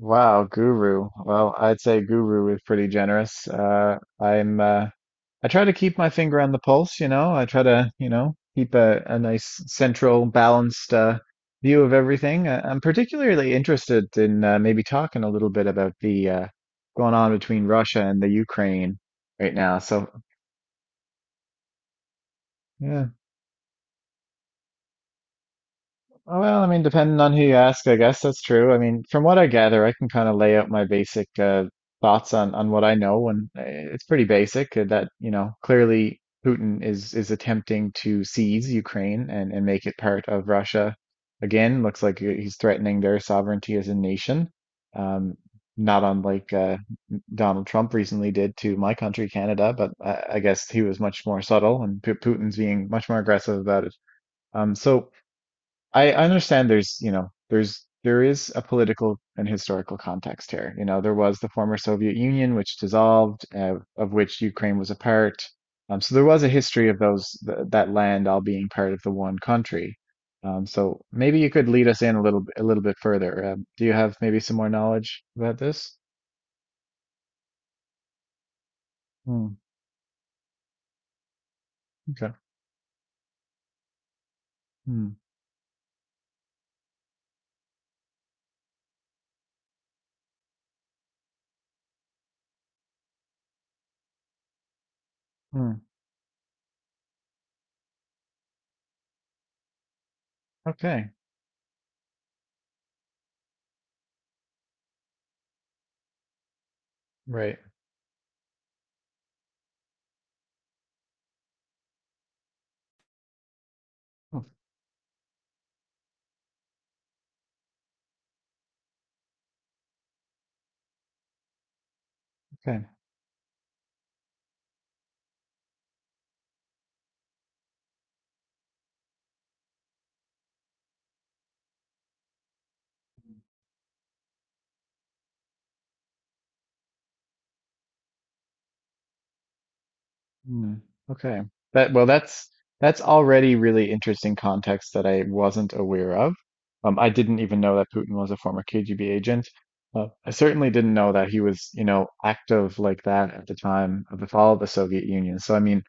Wow, guru. Well, I'd say guru is pretty generous. I try to keep my finger on the pulse. I try to, you know, keep a nice central, balanced view of everything. I'm particularly interested in maybe talking a little bit about the going on between Russia and the Ukraine right now. So, yeah. Oh, well, I mean, depending on who you ask, I guess that's true. I mean, from what I gather, I can kind of lay out my basic thoughts on what I know, and it's pretty basic that, you know, clearly Putin is attempting to seize Ukraine and make it part of Russia. Again, looks like he's threatening their sovereignty as a nation, um, not unlike Donald Trump recently did to my country, Canada, but I guess he was much more subtle, and Putin's being much more aggressive about it. Um, so. I understand there's, you know, there is a political and historical context here. You know, there was the former Soviet Union, which dissolved, of which Ukraine was a part. So there was a history of those th that land all being part of the one country. So maybe you could lead us in a a little bit further. Do you have maybe some more knowledge about this? Hmm, okay. Hmm, hmm, okay. Right. Oh, okay. Hmm, okay. That, well, that's already really interesting context that I wasn't aware of. I didn't even know that Putin was a former KGB agent. I certainly didn't know that he was, you know, active like that at the time of the fall of the Soviet Union. So, I mean,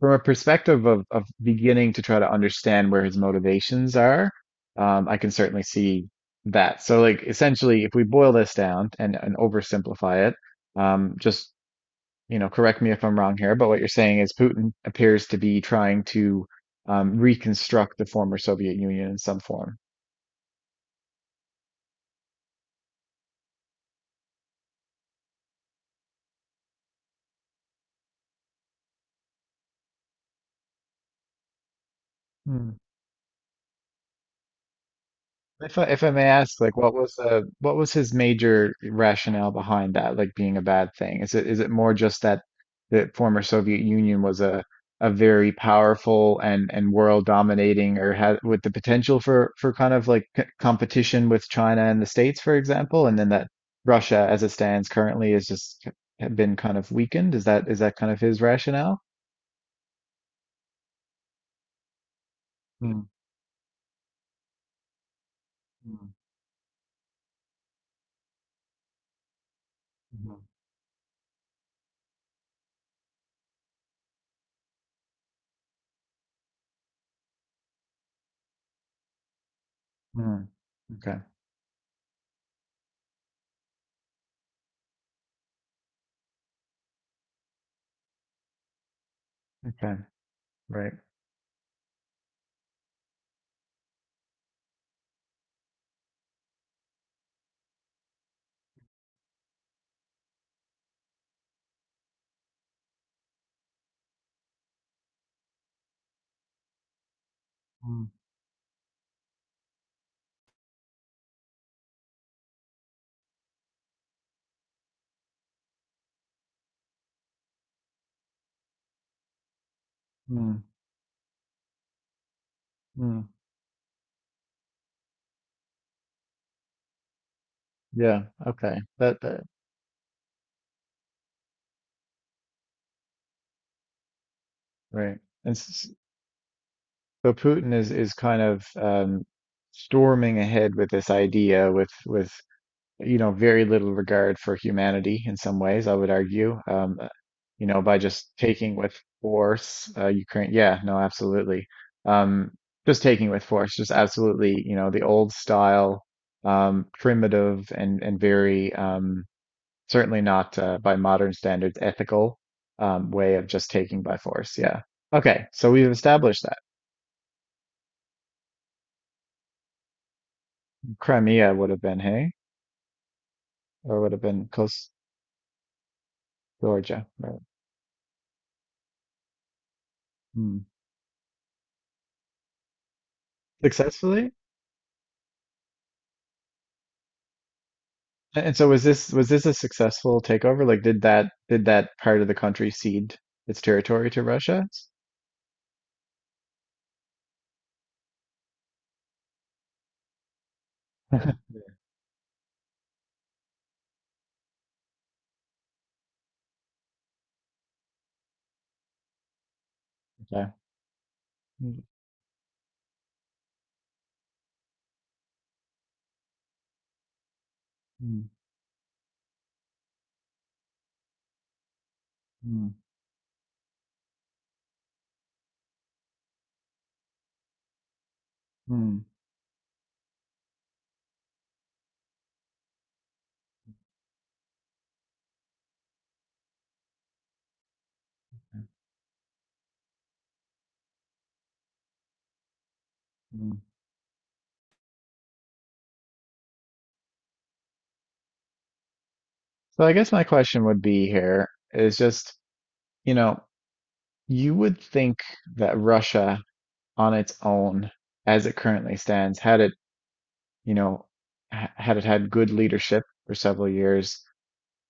from a perspective of beginning to try to understand where his motivations are, I can certainly see that. So, like, essentially, if we boil this down and oversimplify it, just you know, correct me if I'm wrong here, but what you're saying is Putin appears to be trying to reconstruct the former Soviet Union in some form. Hmm. If I may ask, like, what was his major rationale behind that, like being a bad thing? Is it more just that the former Soviet Union was a very powerful and world dominating, or had with the potential for kind of like c competition with China and the States, for example, and then that Russia, as it stands currently, is just been kind of weakened. Is that kind of his rationale? Mm, mm, mhm, mm. Okay. Okay. Right. Mm, mm, mm. Yeah. Okay. That, that right. And s- so Putin is kind of storming ahead with this idea, with you know, very little regard for humanity in some ways, I would argue. You know, by just taking with force, Ukraine. Yeah. No. Absolutely. Um, just taking with force, just absolutely. You know, the old style, primitive and very. Certainly not by modern standards ethical way of just taking by force. Yeah. Okay, so we've established that Crimea would have been, hey, or would have been Coast Georgia, right? Hmm. Successfully? And so was this a successful takeover? Like, did that part of the country cede its territory to Russia? Yeah. Okay. Mm, mm, mm, mm, mm. So I guess my question would be here is just, you know, you would think that Russia on its own as it currently stands, had it, you know, had it had good leadership for several years,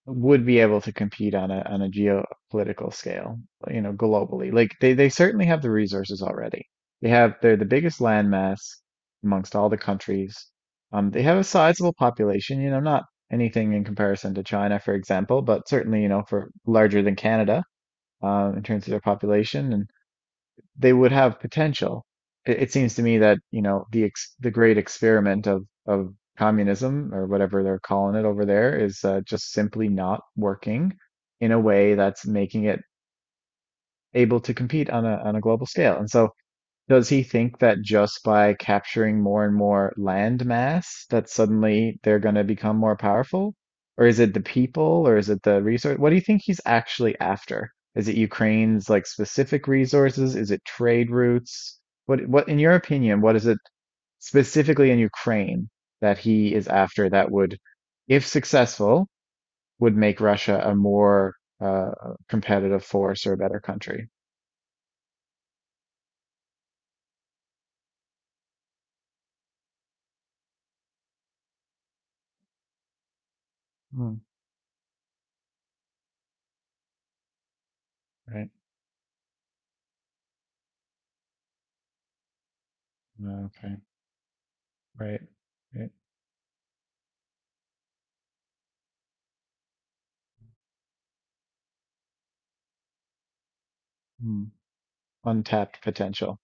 would be able to compete on a geopolitical scale, you know, globally. Like they certainly have the resources already. They're the biggest landmass amongst all the countries. They have a sizable population, you know, not anything in comparison to China, for example, but certainly, you know, for larger than Canada, in terms of their population they would have potential. It seems to me that, you know, the great experiment of communism or whatever they're calling it over there is just simply not working in a way that's making it able to compete on a global scale. And so does he think that just by capturing more and more land mass that suddenly they're going to become more powerful? Or is it the people or is it the resource? What do you think he's actually after? Is it Ukraine's like specific resources? Is it trade routes? What in your opinion, what is it specifically in Ukraine that he is after that would, if successful, would make Russia a more competitive force or a better country? Hmm, right. Okay. Right. Right. Hmm. Untapped potential.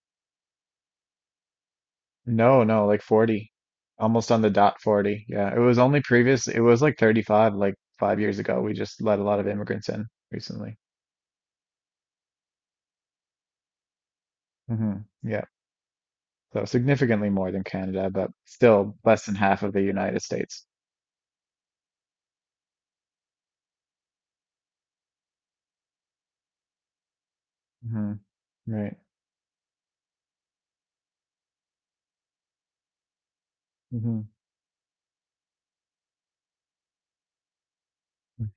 No, no, like 40. Almost on the dot 40. Yeah, it was only previous, it was like 35, like 5 years ago. We just let a lot of immigrants in recently. Hmm, yeah, so significantly more than Canada, but still less than half of the United States. Hmm. Right. Hmm.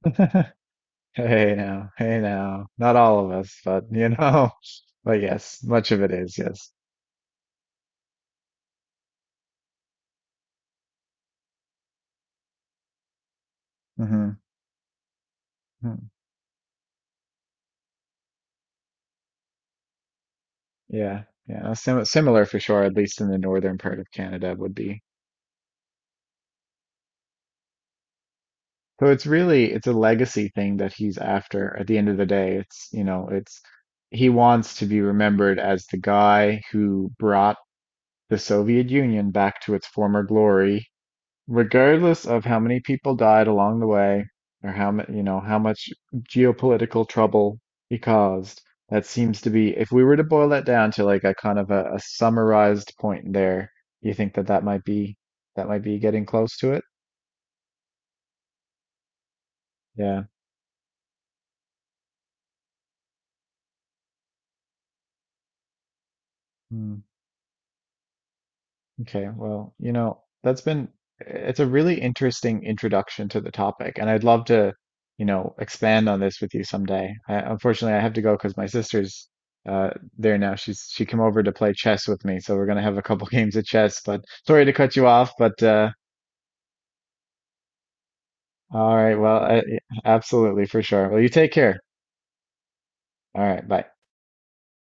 Hey now, hey now. Not all of us, but you know, but yes, much of it is, yes. Mm-hmm. Hmm. Yeah, yeah. Similar for sure, at least in the northern part of Canada would be. So it's really it's a legacy thing that he's after at the end of the day. It's, you know, it's he wants to be remembered as the guy who brought the Soviet Union back to its former glory, regardless of how many people died along the way or how much, you know, how much geopolitical trouble he caused. That seems to be, if we were to boil that down to like a kind of a summarized point there, you think that that might be getting close to it? Yeah. Okay, well, you know, that's been, eh, it's a really interesting introduction to the topic, and I'd love to, you know, expand on this with you someday. I, unfortunately, I have to go because my sister's uh there now. She came over to play chess with me, so we're gonna have a couple games of chess. But sorry to cut you off, but all right, well, absolutely for sure. Well, you take care. All right, bye.